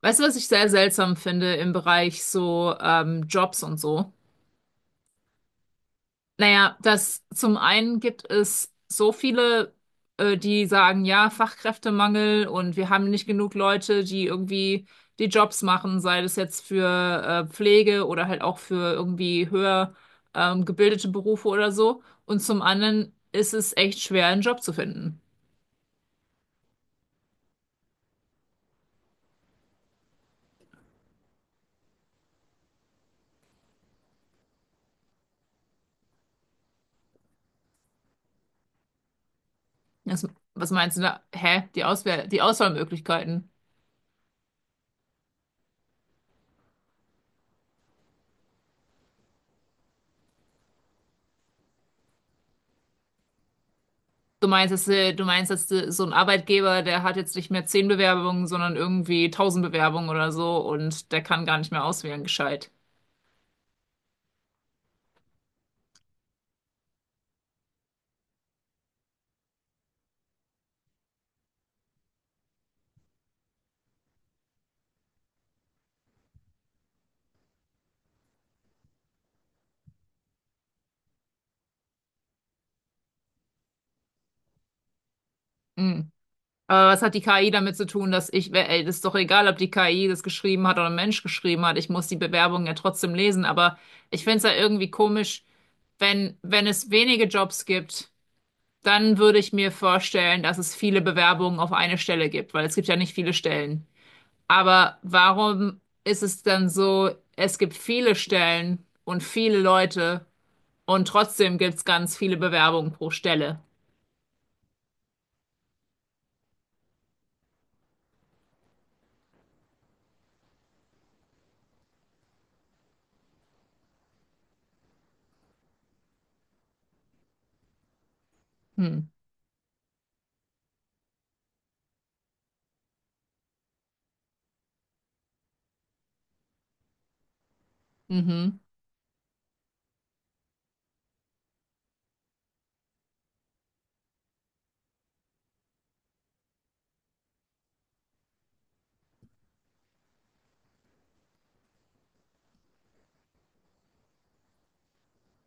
Weißt du, was ich sehr seltsam finde im Bereich so Jobs und so? Naja, dass zum einen gibt es so viele, die sagen, ja, Fachkräftemangel und wir haben nicht genug Leute, die irgendwie die Jobs machen, sei das jetzt für Pflege oder halt auch für irgendwie höher gebildete Berufe oder so. Und zum anderen ist es echt schwer, einen Job zu finden. Das, was meinst du da? Hä? Die Auswahl, die Auswahlmöglichkeiten. Du meinst, dass so ein Arbeitgeber, der hat jetzt nicht mehr zehn Bewerbungen, sondern irgendwie tausend Bewerbungen oder so und der kann gar nicht mehr auswählen, gescheit. Hm. Aber was hat die KI damit zu tun, dass ich, ey, das ist doch egal, ob die KI das geschrieben hat oder ein Mensch geschrieben hat, ich muss die Bewerbungen ja trotzdem lesen, aber ich finde es ja irgendwie komisch, wenn es wenige Jobs gibt, dann würde ich mir vorstellen, dass es viele Bewerbungen auf eine Stelle gibt, weil es gibt ja nicht viele Stellen. Aber warum ist es dann so, es gibt viele Stellen und viele Leute und trotzdem gibt es ganz viele Bewerbungen pro Stelle? Hm. Mhm.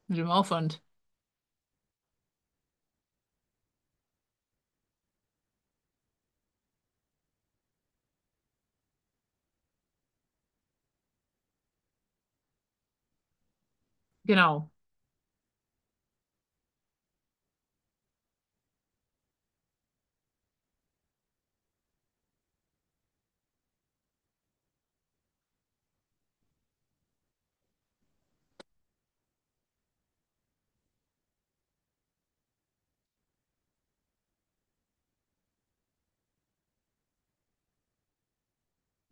Mit dem Aufwand. Genau.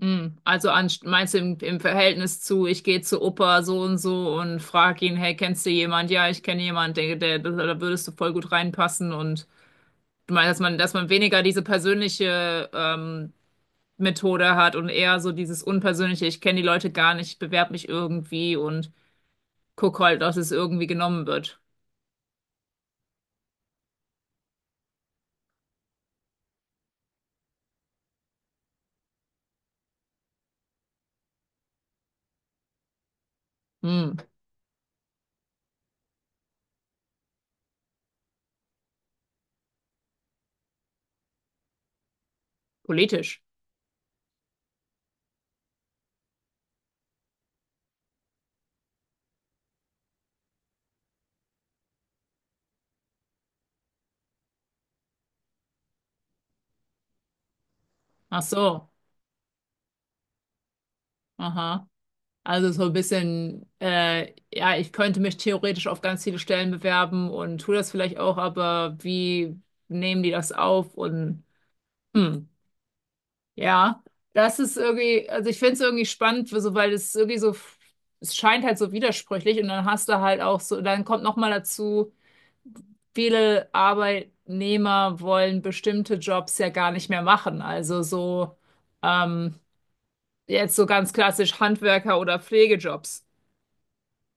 Hm. Also an, meinst du im Verhältnis zu, ich gehe zu Opa so und so und frage ihn, hey, kennst du jemand? Ja, ich kenne jemand, da würdest du voll gut reinpassen und du meinst, dass man weniger diese persönliche Methode hat und eher so dieses unpersönliche, ich kenne die Leute gar nicht, ich bewerbe mich irgendwie und guck halt, dass es irgendwie genommen wird. Hm, politisch. Ach so. Aha. Also so ein bisschen, ja, ich könnte mich theoretisch auf ganz viele Stellen bewerben und tue das vielleicht auch, aber wie nehmen die das auf? Und hm, ja, das ist irgendwie, also ich finde es irgendwie spannend, so, weil es irgendwie so, es scheint halt so widersprüchlich und dann hast du halt auch so, dann kommt noch mal dazu, viele Arbeitnehmer wollen bestimmte Jobs ja gar nicht mehr machen. Also so ähm, jetzt so ganz klassisch Handwerker oder Pflegejobs.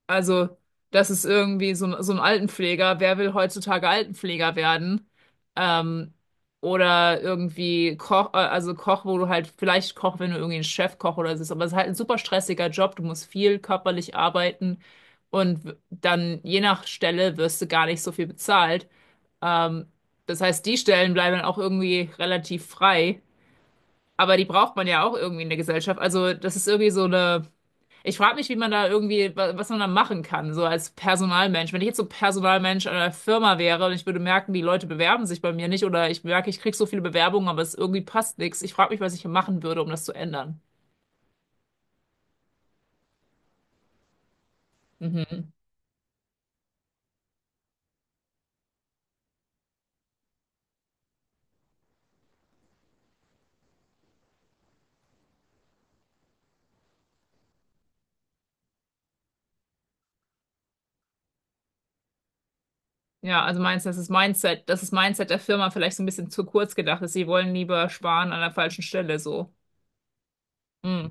Also, das ist irgendwie so, so ein Altenpfleger. Wer will heutzutage Altenpfleger werden? Ähm, oder irgendwie Koch, also Koch, wo du halt vielleicht Koch, wenn du irgendwie ein Chefkoch oder so bist. Aber es ist halt ein super stressiger Job. Du musst viel körperlich arbeiten und dann je nach Stelle wirst du gar nicht so viel bezahlt. Ähm, Das heißt, die Stellen bleiben dann auch irgendwie relativ frei. Aber die braucht man ja auch irgendwie in der Gesellschaft. Also, das ist irgendwie so eine. Ich frage mich, wie man da irgendwie, was man da machen kann, so als Personalmensch. Wenn ich jetzt so Personalmensch einer Firma wäre und ich würde merken, die Leute bewerben sich bei mir nicht oder ich merke, ich kriege so viele Bewerbungen, aber es irgendwie passt nichts. Ich frage mich, was ich hier machen würde, um das zu ändern. Ja, also meinst du, dass das ist Mindset der Firma vielleicht so ein bisschen zu kurz gedacht ist. Sie wollen lieber sparen an der falschen Stelle, so. Hm.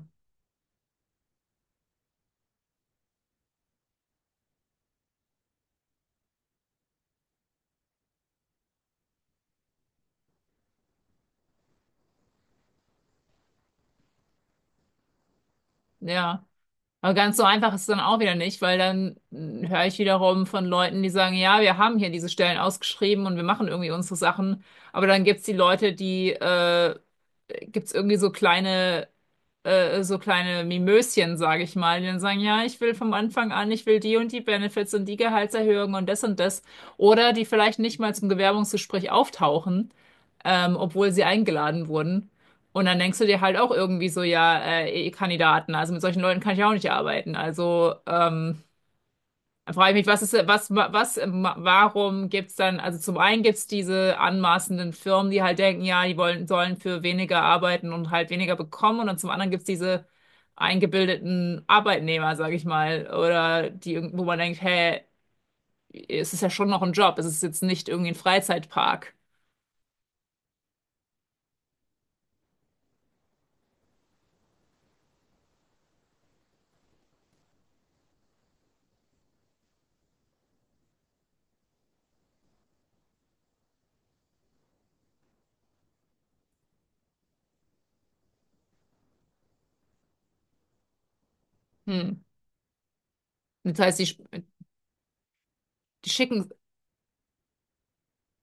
Ja. Aber ganz so einfach ist es dann auch wieder nicht, weil dann mh, höre ich wiederum von Leuten, die sagen, ja, wir haben hier diese Stellen ausgeschrieben und wir machen irgendwie unsere Sachen. Aber dann gibt's die Leute, die gibt's irgendwie so kleine Mimöschen, sage ich mal, die dann sagen, ja, ich will vom Anfang an, ich will die und die Benefits und die Gehaltserhöhungen und das und das. Oder die vielleicht nicht mal zum Bewerbungsgespräch auftauchen, obwohl sie eingeladen wurden. Und dann denkst du dir halt auch irgendwie so, ja, Kandidaten, also mit solchen Leuten kann ich auch nicht arbeiten. Also dann frage ich mich, was, warum gibt's dann, also zum einen gibt's diese anmaßenden Firmen, die halt denken, ja, die wollen, sollen für weniger arbeiten und halt weniger bekommen. Und dann zum anderen gibt's diese eingebildeten Arbeitnehmer, sage ich mal, oder die, wo man denkt, hey, es ist ja schon noch ein Job, es ist jetzt nicht irgendwie ein Freizeitpark. Hm. Das heißt, die schicken,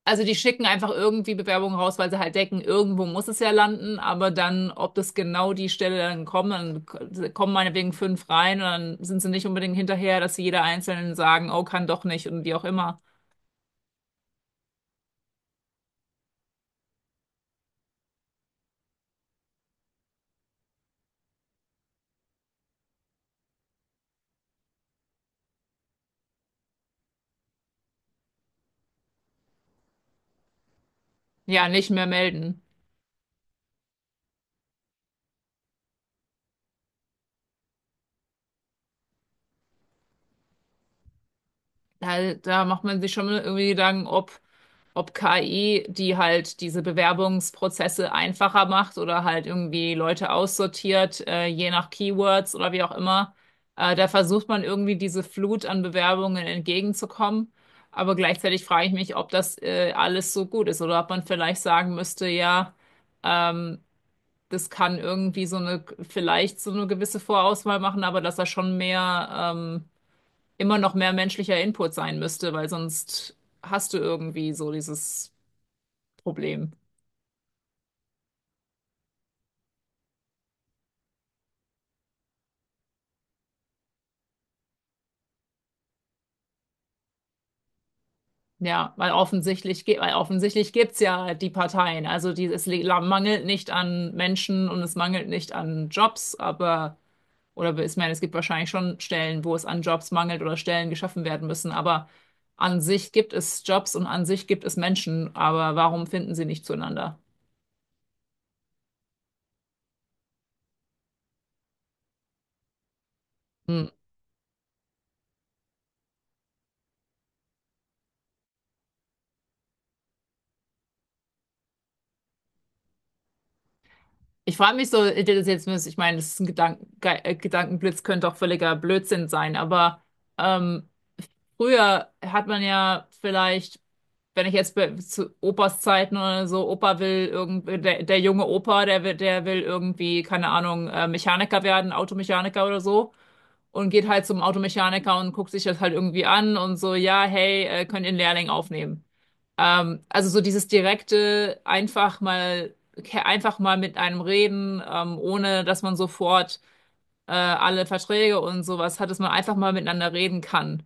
also die schicken einfach irgendwie Bewerbungen raus, weil sie halt denken, irgendwo muss es ja landen, aber dann, ob das genau die Stelle dann kommt, dann kommen meinetwegen fünf rein und dann sind sie nicht unbedingt hinterher, dass sie jeder Einzelnen sagen, oh, kann doch nicht und wie auch immer. Ja, nicht mehr melden. Da macht man sich schon irgendwie Gedanken, ob KI, die halt diese Bewerbungsprozesse einfacher macht oder halt irgendwie Leute aussortiert, je nach Keywords oder wie auch immer. Da versucht man irgendwie diese Flut an Bewerbungen entgegenzukommen. Aber gleichzeitig frage ich mich, ob das alles so gut ist oder ob man vielleicht sagen müsste, ja, ähm, das kann irgendwie so eine, vielleicht so eine gewisse Vorauswahl machen, aber dass da schon mehr, immer noch mehr menschlicher Input sein müsste, weil sonst hast du irgendwie so dieses Problem. Ja, weil offensichtlich, gibt es ja die Parteien. Also die, es mangelt nicht an Menschen und es mangelt nicht an Jobs, aber, oder ich meine, es gibt wahrscheinlich schon Stellen, wo es an Jobs mangelt oder Stellen geschaffen werden müssen, aber an sich gibt es Jobs und an sich gibt es Menschen, aber warum finden sie nicht zueinander? Hm. Ich frage mich so, das ist jetzt, ich meine, das ist ein Gedanken, Gedankenblitz könnte auch völliger Blödsinn sein, aber ähm, früher hat man ja vielleicht, wenn ich jetzt zu Opas Zeiten oder so, Opa will irgendwie, der junge Opa, der will irgendwie, keine Ahnung, Mechaniker werden, Automechaniker oder so. Und geht halt zum Automechaniker und guckt sich das halt irgendwie an und so, ja, hey, könnt ihr einen Lehrling aufnehmen. Also so dieses direkte, einfach mal mit einem reden, ohne dass man sofort alle Verträge und sowas hat, dass man einfach mal miteinander reden kann.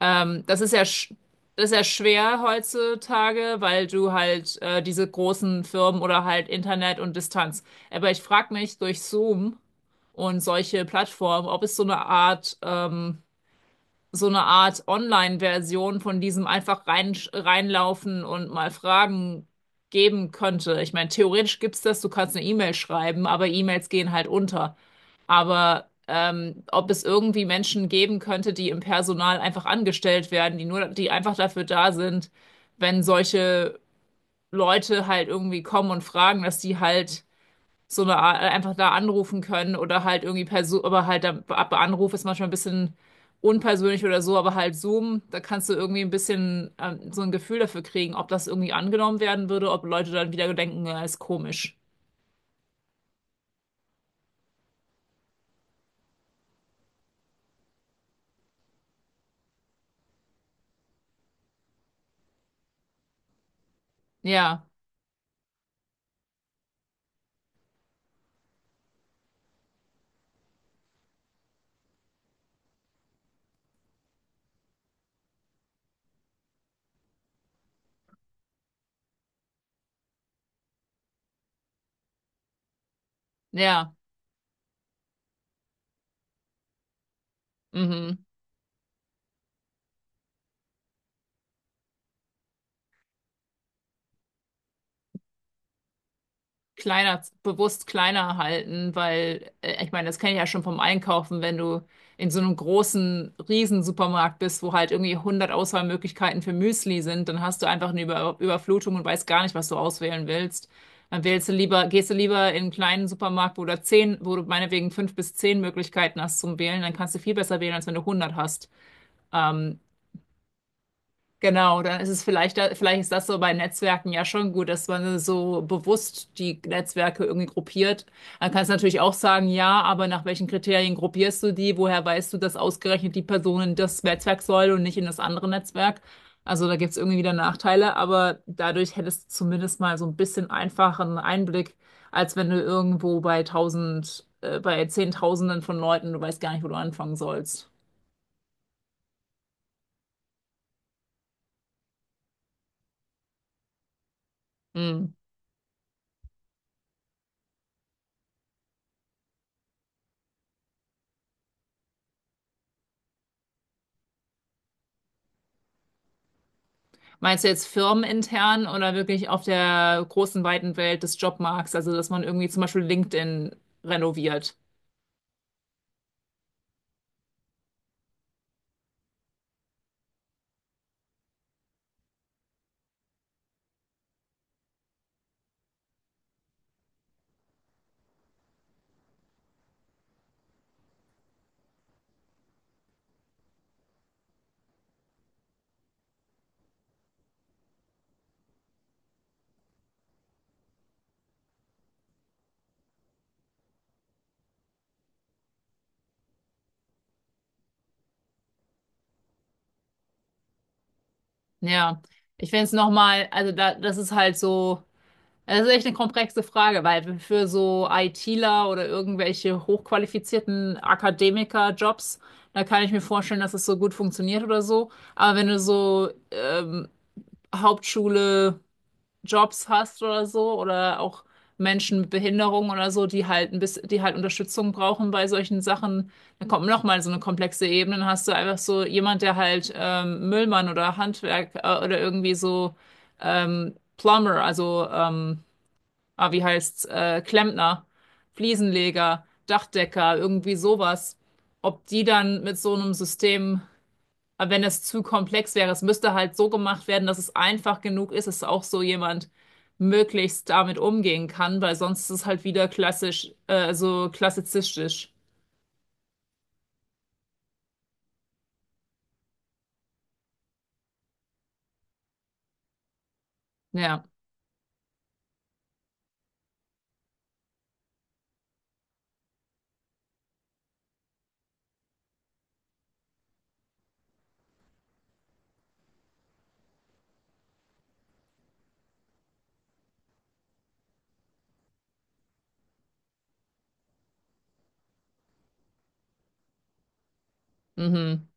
Ähm, das ist ja, sch Das ist ja schwer heutzutage, weil du halt diese großen Firmen oder halt Internet und Distanz. Aber ich frage mich durch Zoom und solche Plattformen, ob es so eine Art Online-Version von diesem reinlaufen und mal fragen geben könnte. Ich meine, theoretisch gibt's das, du kannst eine E-Mail schreiben, aber E-Mails gehen halt unter. Aber ob es irgendwie Menschen geben könnte, die im Personal einfach angestellt werden, die einfach dafür da sind, wenn solche Leute halt irgendwie kommen und fragen, dass die halt so eine Art, einfach da anrufen können oder halt irgendwie per Zoom, aber halt ab Anruf ist manchmal ein bisschen unpersönlich oder so, aber halt Zoom, da kannst du irgendwie ein bisschen so ein Gefühl dafür kriegen, ob das irgendwie angenommen werden würde, ob Leute dann wieder denken, ja, ist komisch. Ja, ja, mhm. Kleiner, bewusst kleiner halten, weil ich meine, das kenne ich ja schon vom Einkaufen, wenn du in so einem großen riesen Supermarkt bist, wo halt irgendwie hundert Auswahlmöglichkeiten für Müsli sind, dann hast du einfach eine Überflutung und weißt gar nicht, was du auswählen willst. Dann wählst du lieber, gehst du lieber in einen kleinen Supermarkt, wo du meinetwegen fünf bis zehn Möglichkeiten hast zum Wählen, dann kannst du viel besser wählen, als wenn du hundert hast. Ähm, Genau, dann ist es vielleicht, vielleicht ist das so bei Netzwerken ja schon gut, dass man so bewusst die Netzwerke irgendwie gruppiert. Dann kannst du natürlich auch sagen, ja, aber nach welchen Kriterien gruppierst du die? Woher weißt du, dass ausgerechnet die Person in das Netzwerk soll und nicht in das andere Netzwerk? Also da gibt es irgendwie wieder Nachteile, aber dadurch hättest du zumindest mal so ein bisschen einfacheren Einblick, als wenn du irgendwo bei tausend, bei Zehntausenden von Leuten, du weißt gar nicht, wo du anfangen sollst. Hm. Meinst du jetzt firmenintern oder wirklich auf der großen, weiten Welt des Jobmarkts? Also, dass man irgendwie zum Beispiel LinkedIn renoviert. Ja, ich finde es nochmal, also da, das ist halt so, das ist echt eine komplexe Frage, weil für so ITler oder irgendwelche hochqualifizierten Akademiker-Jobs, da kann ich mir vorstellen, dass es so gut funktioniert oder so. Aber wenn du so Hauptschule Jobs hast oder so oder auch Menschen mit Behinderung oder so, die halt ein bisschen, die halt Unterstützung brauchen bei solchen Sachen, dann kommt noch mal so eine komplexe Ebene, dann hast du einfach so jemand, der halt Müllmann oder Handwerk oder irgendwie so Plumber, also Klempner, Fliesenleger, Dachdecker, irgendwie sowas, ob die dann mit so einem System, aber wenn es zu komplex wäre, es müsste halt so gemacht werden, dass es einfach genug ist, dass auch so jemand möglichst damit umgehen kann, weil sonst ist es halt wieder klassisch, so klassizistisch. Ja, mhm.